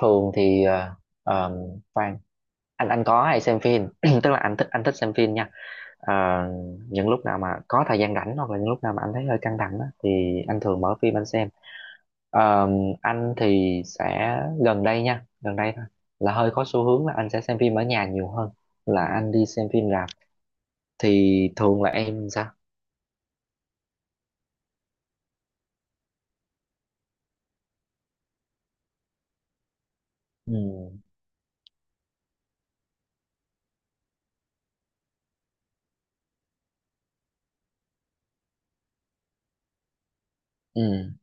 Thường thì ờ, khoan. Anh có hay xem phim, tức là anh thích xem phim nha. Ờ, những lúc nào mà có thời gian rảnh hoặc là những lúc nào mà anh thấy hơi căng thẳng á, thì anh thường mở phim anh xem. Ờ, anh thì sẽ, gần đây nha, gần đây thôi, là hơi có xu hướng là anh sẽ xem phim ở nhà nhiều hơn là anh đi xem phim rạp. Thì thường là em sao? Ừ, ừ,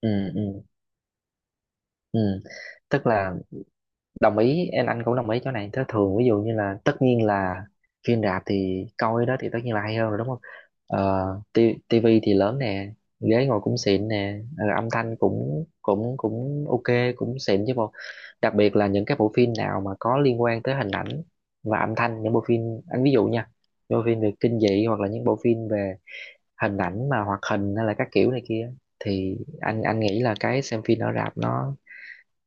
ừ, ừ, ừ. tức là đồng ý em, anh cũng đồng ý chỗ này. Thế thường ví dụ như là, tất nhiên là phim rạp thì coi đó thì tất nhiên là hay hơn rồi, đúng không? ờ, Tivi thì lớn nè, ghế ngồi cũng xịn nè, âm thanh cũng cũng cũng ok, cũng xịn chứ bộ. Đặc biệt là những cái bộ phim nào mà có liên quan tới hình ảnh và âm thanh, những bộ phim, anh ví dụ nha, những bộ phim về kinh dị hoặc là những bộ phim về hình ảnh mà hoạt hình hay là các kiểu này kia, thì anh nghĩ là cái xem phim ở rạp nó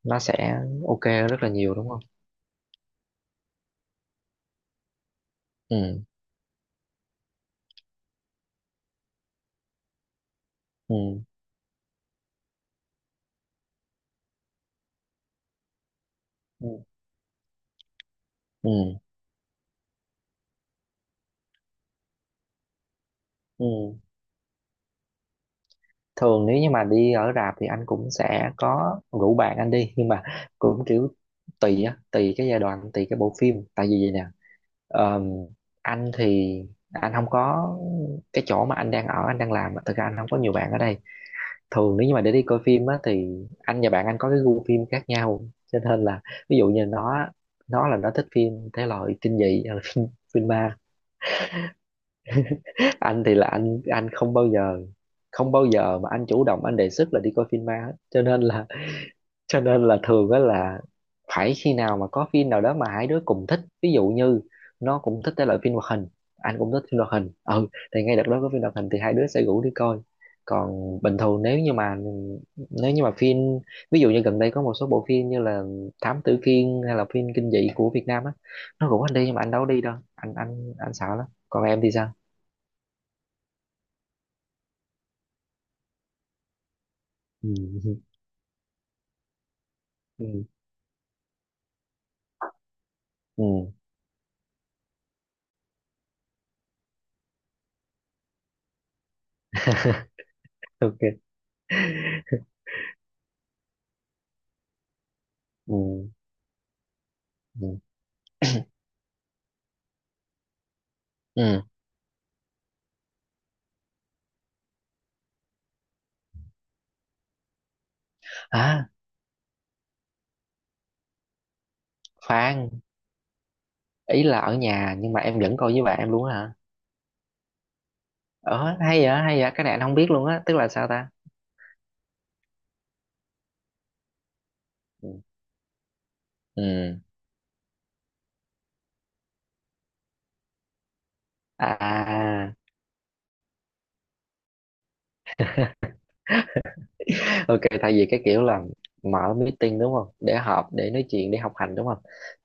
nó sẽ ok hơn rất là nhiều, đúng không? Ừ, ừ, ừ, ừ ừ. Thường nếu như mà đi ở rạp thì anh cũng sẽ có rủ bạn anh đi, nhưng mà cũng kiểu tùy á, tùy cái giai đoạn, tùy cái bộ phim, tại vì vậy nè. Ờm, anh thì anh không có, cái chỗ mà anh đang ở, anh đang làm á, thực ra anh không có nhiều bạn ở đây. Thường nếu như mà để đi coi phim á thì anh và bạn anh có cái gu phim khác nhau, cho nên là ví dụ như nó là nó thích phim thể loại kinh dị, phim, phim ma. Anh thì là anh không bao giờ, không bao giờ mà anh chủ động anh đề xuất là đi coi phim ma hết, cho nên là cho nên là thường á là phải khi nào mà có phim nào đó mà hai đứa cùng thích. Ví dụ như nó cũng thích cái loại phim hoạt hình, anh cũng thích phim hoạt hình, ừ, thì ngay đợt đó có phim hoạt hình thì hai đứa sẽ rủ đi coi. Còn bình thường nếu như mà, phim, ví dụ như gần đây có một số bộ phim như là Thám Tử Kiên hay là phim kinh dị của Việt Nam á, nó rủ anh đi nhưng mà anh đâu có đi đâu, anh anh sợ lắm. Còn em thì sao? Ừ. ừ ok. Ừ, ừ, ừ, à, khoan, ý là ở nhà nhưng mà em vẫn coi với bạn em luôn á hả? Ờ hay vậy, hay vậy, cái này anh không biết luôn á, tức là sao ta? Ừ, ừ, à, ok, thay vì cái kiểu là mở meeting, đúng không, để họp, để nói chuyện, để học hành, đúng không,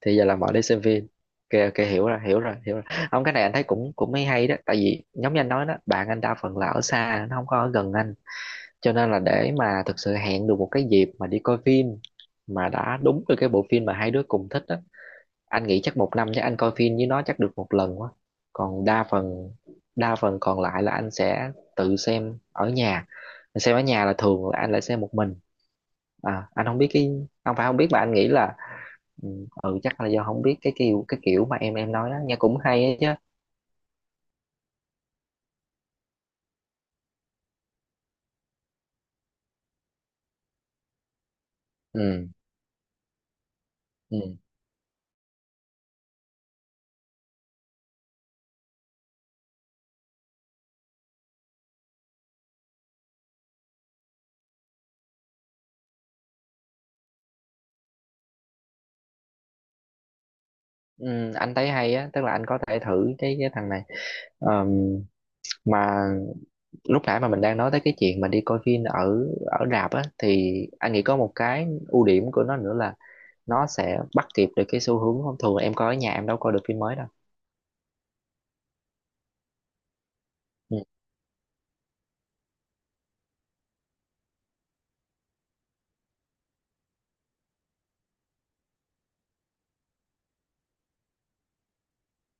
thì giờ là mở để xem phim. Ok, ok, hiểu rồi. Không, cái này anh thấy cũng, cũng mới hay đó, tại vì giống như anh nói đó, bạn anh đa phần là ở xa, nó không có ở gần anh, cho nên là để mà thực sự hẹn được một cái dịp mà đi coi phim mà đã đúng được cái bộ phim mà hai đứa cùng thích á, anh nghĩ chắc một năm chắc anh coi phim với nó chắc được một lần quá. Còn đa phần, đa phần còn lại là anh sẽ tự xem ở nhà. Anh xem ở nhà là thường là anh lại xem một mình. À, anh không biết cái, không phải không biết mà anh nghĩ là ừ, ừ chắc là do không biết cái kiểu, cái kiểu mà em nói đó nghe cũng hay ấy chứ. Ừ, ừ, ừ anh thấy hay á, tức là anh có thể thử cái thằng này. Ờm, mà lúc nãy mà mình đang nói tới cái chuyện mà đi coi phim ở, ở rạp á, thì anh nghĩ có một cái ưu điểm của nó nữa là nó sẽ bắt kịp được cái xu hướng. Không, thường em coi ở nhà em đâu coi được phim mới đâu. Ừ,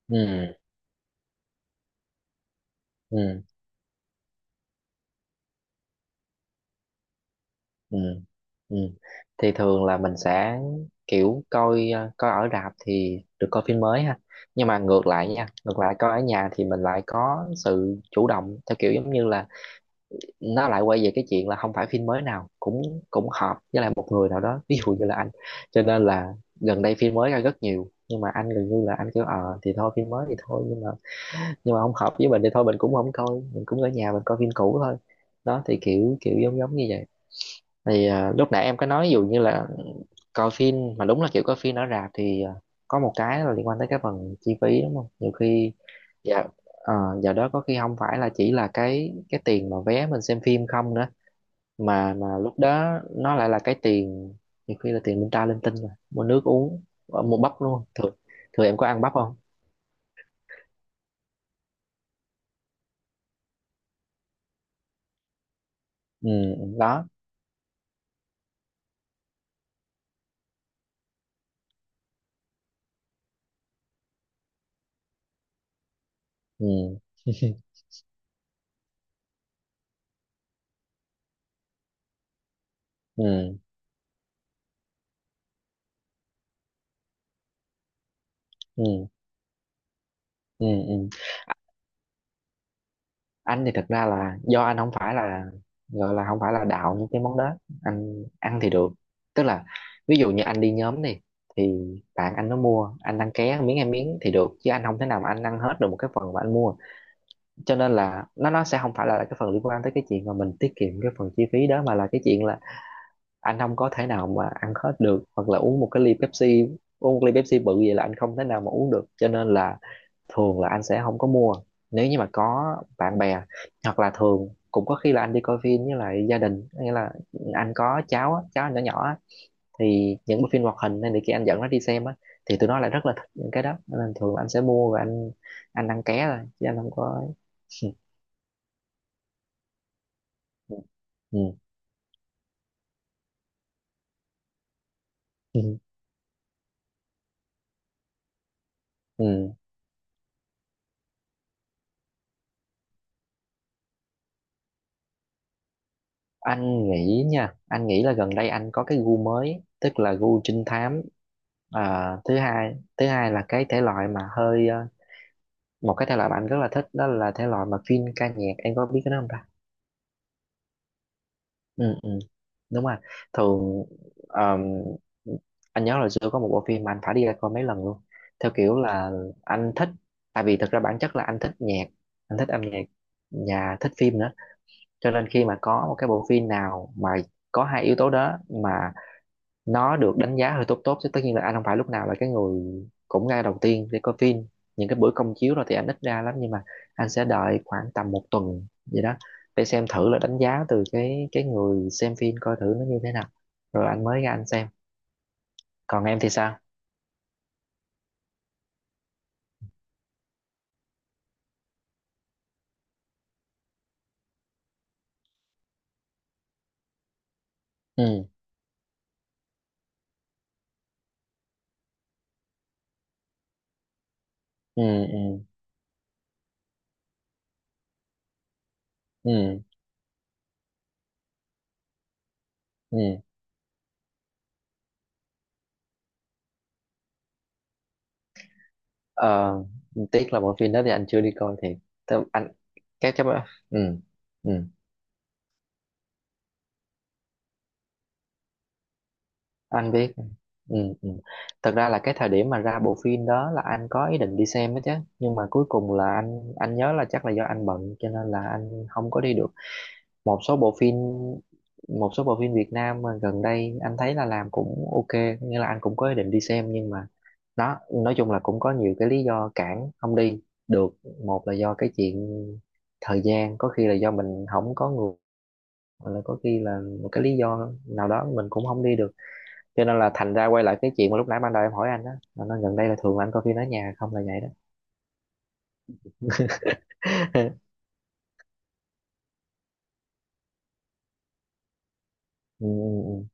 ừ, ừ, ừ ừ. Thì thường là mình sẽ kiểu coi, coi ở rạp thì được coi phim mới ha, nhưng mà ngược lại nha, ngược lại coi ở nhà thì mình lại có sự chủ động theo kiểu giống như là, nó lại quay về cái chuyện là không phải phim mới nào cũng, cũng hợp với lại một người nào đó, ví dụ như là anh, cho nên là gần đây phim mới ra rất nhiều nhưng mà anh gần như là anh kêu ờ thì thôi, phim mới thì thôi, nhưng mà không hợp với mình thì thôi mình cũng không coi, mình cũng ở nhà mình coi phim cũ thôi. Đó thì kiểu kiểu giống giống như vậy. Thì à, lúc nãy em có nói ví dụ như là coi phim mà đúng là kiểu coi phim ở rạp thì à, có một cái là liên quan tới cái phần chi phí, đúng không, nhiều khi, dạ, giờ đó có khi không phải là chỉ là cái tiền mà vé mình xem phim không nữa, mà lúc đó nó lại là cái tiền, nhiều khi là tiền linh ta linh tinh rồi, mua nước uống, mua bắp luôn. Thường Thường em có ăn bắp không? Ừ, đó, ừ ừ, ừ, ừ, ừ anh thì thật ra là do anh không phải là, gọi là không phải là đạo những cái món đó, anh ăn thì được, tức là ví dụ như anh đi nhóm này thì bạn anh nó mua, anh ăn ké miếng, ăn miếng thì được, chứ anh không thể nào mà anh ăn hết được một cái phần mà anh mua, cho nên là nó sẽ không phải là cái phần liên quan tới cái chuyện mà mình tiết kiệm cái phần chi phí đó, mà là cái chuyện là anh không có thể nào mà ăn hết được, hoặc là uống một cái ly Pepsi, uống một ly Pepsi bự vậy là anh không thể nào mà uống được, cho nên là thường là anh sẽ không có mua. Nếu như mà có bạn bè, hoặc là thường cũng có khi là anh đi coi phim với lại gia đình, nghĩa là anh có cháu á, cháu anh nhỏ nhỏ á, thì những bộ phim hoạt hình nên thì khi anh dẫn nó đi xem á, thì tụi nó lại rất là thích những cái đó, nên thường là anh sẽ mua và anh ăn ké thôi chứ anh không có ấy. Ừ. Ừ. Ừ. Ừ. Anh nghĩ nha, anh nghĩ là gần đây anh có cái gu mới, tức là gu trinh thám. À, thứ hai là cái thể loại mà hơi một cái thể loại mà anh rất là thích, đó là thể loại mà chuyên ca nhạc, em có biết cái đó không ta? Ừ, ừ. Đúng rồi. Thường um, anh nhớ là xưa có một bộ phim mà anh phải đi ra coi mấy lần luôn, theo kiểu là anh thích, tại vì thực ra bản chất là anh thích nhạc, anh thích âm nhạc và thích phim nữa, cho nên khi mà có một cái bộ phim nào mà có hai yếu tố đó mà nó được đánh giá hơi tốt tốt chứ, tất nhiên là anh không phải lúc nào là cái người cũng ngay đầu tiên để coi phim, những cái bữa công chiếu rồi thì anh ít ra lắm, nhưng mà anh sẽ đợi khoảng tầm một tuần gì đó để xem thử là đánh giá từ cái người xem phim coi thử nó như thế nào, rồi anh mới ra anh xem. Còn em thì sao? Ừ ừ ừ, ừ ừ Ờ, tiếc là bộ phim đó thì anh chưa đi coi thiệt. Thế anh, cái ừ, ừ anh biết. Ừ, ừ. Thật ra là cái thời điểm mà ra bộ phim đó là anh có ý định đi xem đó chứ, nhưng mà cuối cùng là anh nhớ là chắc là do anh bận cho nên là anh không có đi được. Một số bộ phim, Việt Nam mà gần đây anh thấy là làm cũng ok, nghĩa là anh cũng có ý định đi xem, nhưng mà đó, nói chung là cũng có nhiều cái lý do cản không đi được. Một là do cái chuyện thời gian, có khi là do mình không có người, hoặc là có khi là một cái lý do nào đó mình cũng không đi được, cho nên là thành ra quay lại cái chuyện mà lúc nãy ban đầu em hỏi anh đó là nó gần đây là thường là anh coi phim ở nhà không, là vậy đó. Ừ, ừ, ừ.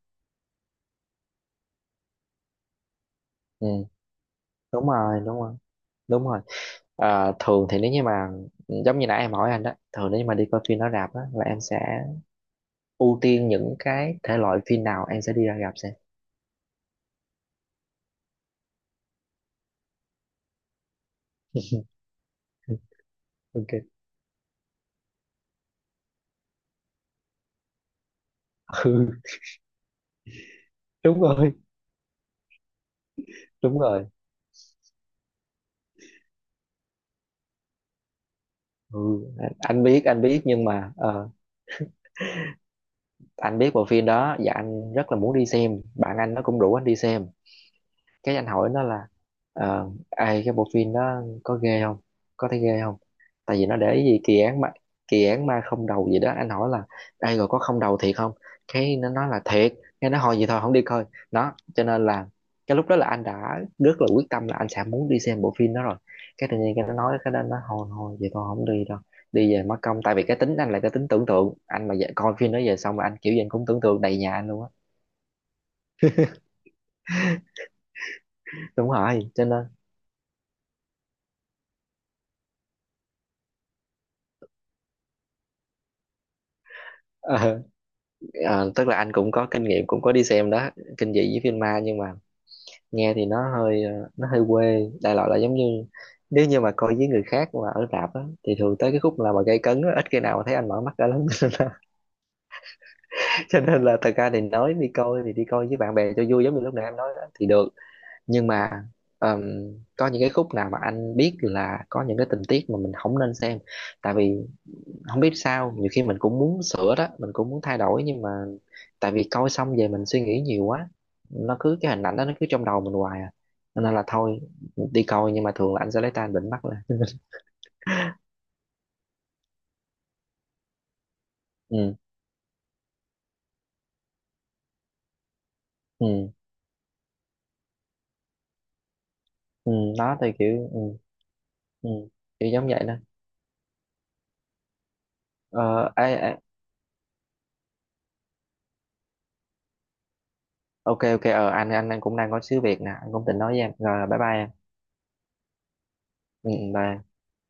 Ừ. Đúng rồi, đúng rồi. À, thường thì nếu như mà, ừ, giống như nãy em hỏi anh đó, thường nếu như mà đi coi phim ở rạp á là em sẽ ưu tiên những cái thể loại phim nào em sẽ đi ra rạp xem. Ừ, ok. Ừ, đúng rồi, đúng rồi. Ừ, anh biết, anh biết, nhưng mà anh biết bộ phim đó và anh rất là muốn đi xem. Bạn anh nó cũng rủ anh đi xem, cái anh hỏi nó là ai, cái bộ phim đó có ghê không, có thấy ghê không, tại vì nó để ý gì kỳ án ma, kỳ án ma không đầu gì đó, anh hỏi là ai rồi có không đầu thiệt không, cái nó nói là thiệt, cái nó hồi gì thôi không đi coi. Đó, cho nên là cái lúc đó là anh đã rất là quyết tâm là anh sẽ muốn đi xem bộ phim đó rồi, cái tự nhiên cái nó nói cái đó, nó hồi hồi vậy, thôi không đi đâu, đi về mất công, tại vì cái tính anh là cái tính tưởng tượng, anh mà về, coi phim đó về xong mà anh kiểu gì anh cũng tưởng tượng đầy nhà anh luôn á. Đúng rồi, cho nên Ờ, tức là anh cũng có kinh nghiệm cũng có đi xem đó, kinh dị với phim ma, nhưng mà nghe thì nó hơi nó hơi quê, đại loại là giống như nếu như mà coi với người khác mà ở rạp á thì thường tới cái khúc là mà gây cấn á, ít khi nào mà thấy anh mở mắt ra lắm cho nên là thật ra thì nói đi coi thì đi coi với bạn bè cho vui giống như lúc nãy em nói đó, thì được, nhưng mà ờm, có những cái khúc nào mà anh biết là có những cái tình tiết mà mình không nên xem, tại vì không biết sao nhiều khi mình cũng muốn sửa đó, mình cũng muốn thay đổi, nhưng mà tại vì coi xong về mình suy nghĩ nhiều quá, nó cứ cái hình ảnh đó nó cứ trong đầu mình hoài à. Cho nên là thôi, đi coi nhưng mà thường là anh sẽ lấy tay anh bịnh mắt lên. Ừ, ừ, ừ đó thì kiểu ừ, ừ kiểu giống vậy đó. Ờ ê, ê, ok, ok, ờ anh cũng đang có xíu việc nè, anh cũng định nói với em rồi, bye bye em. Ừ ừ, bye.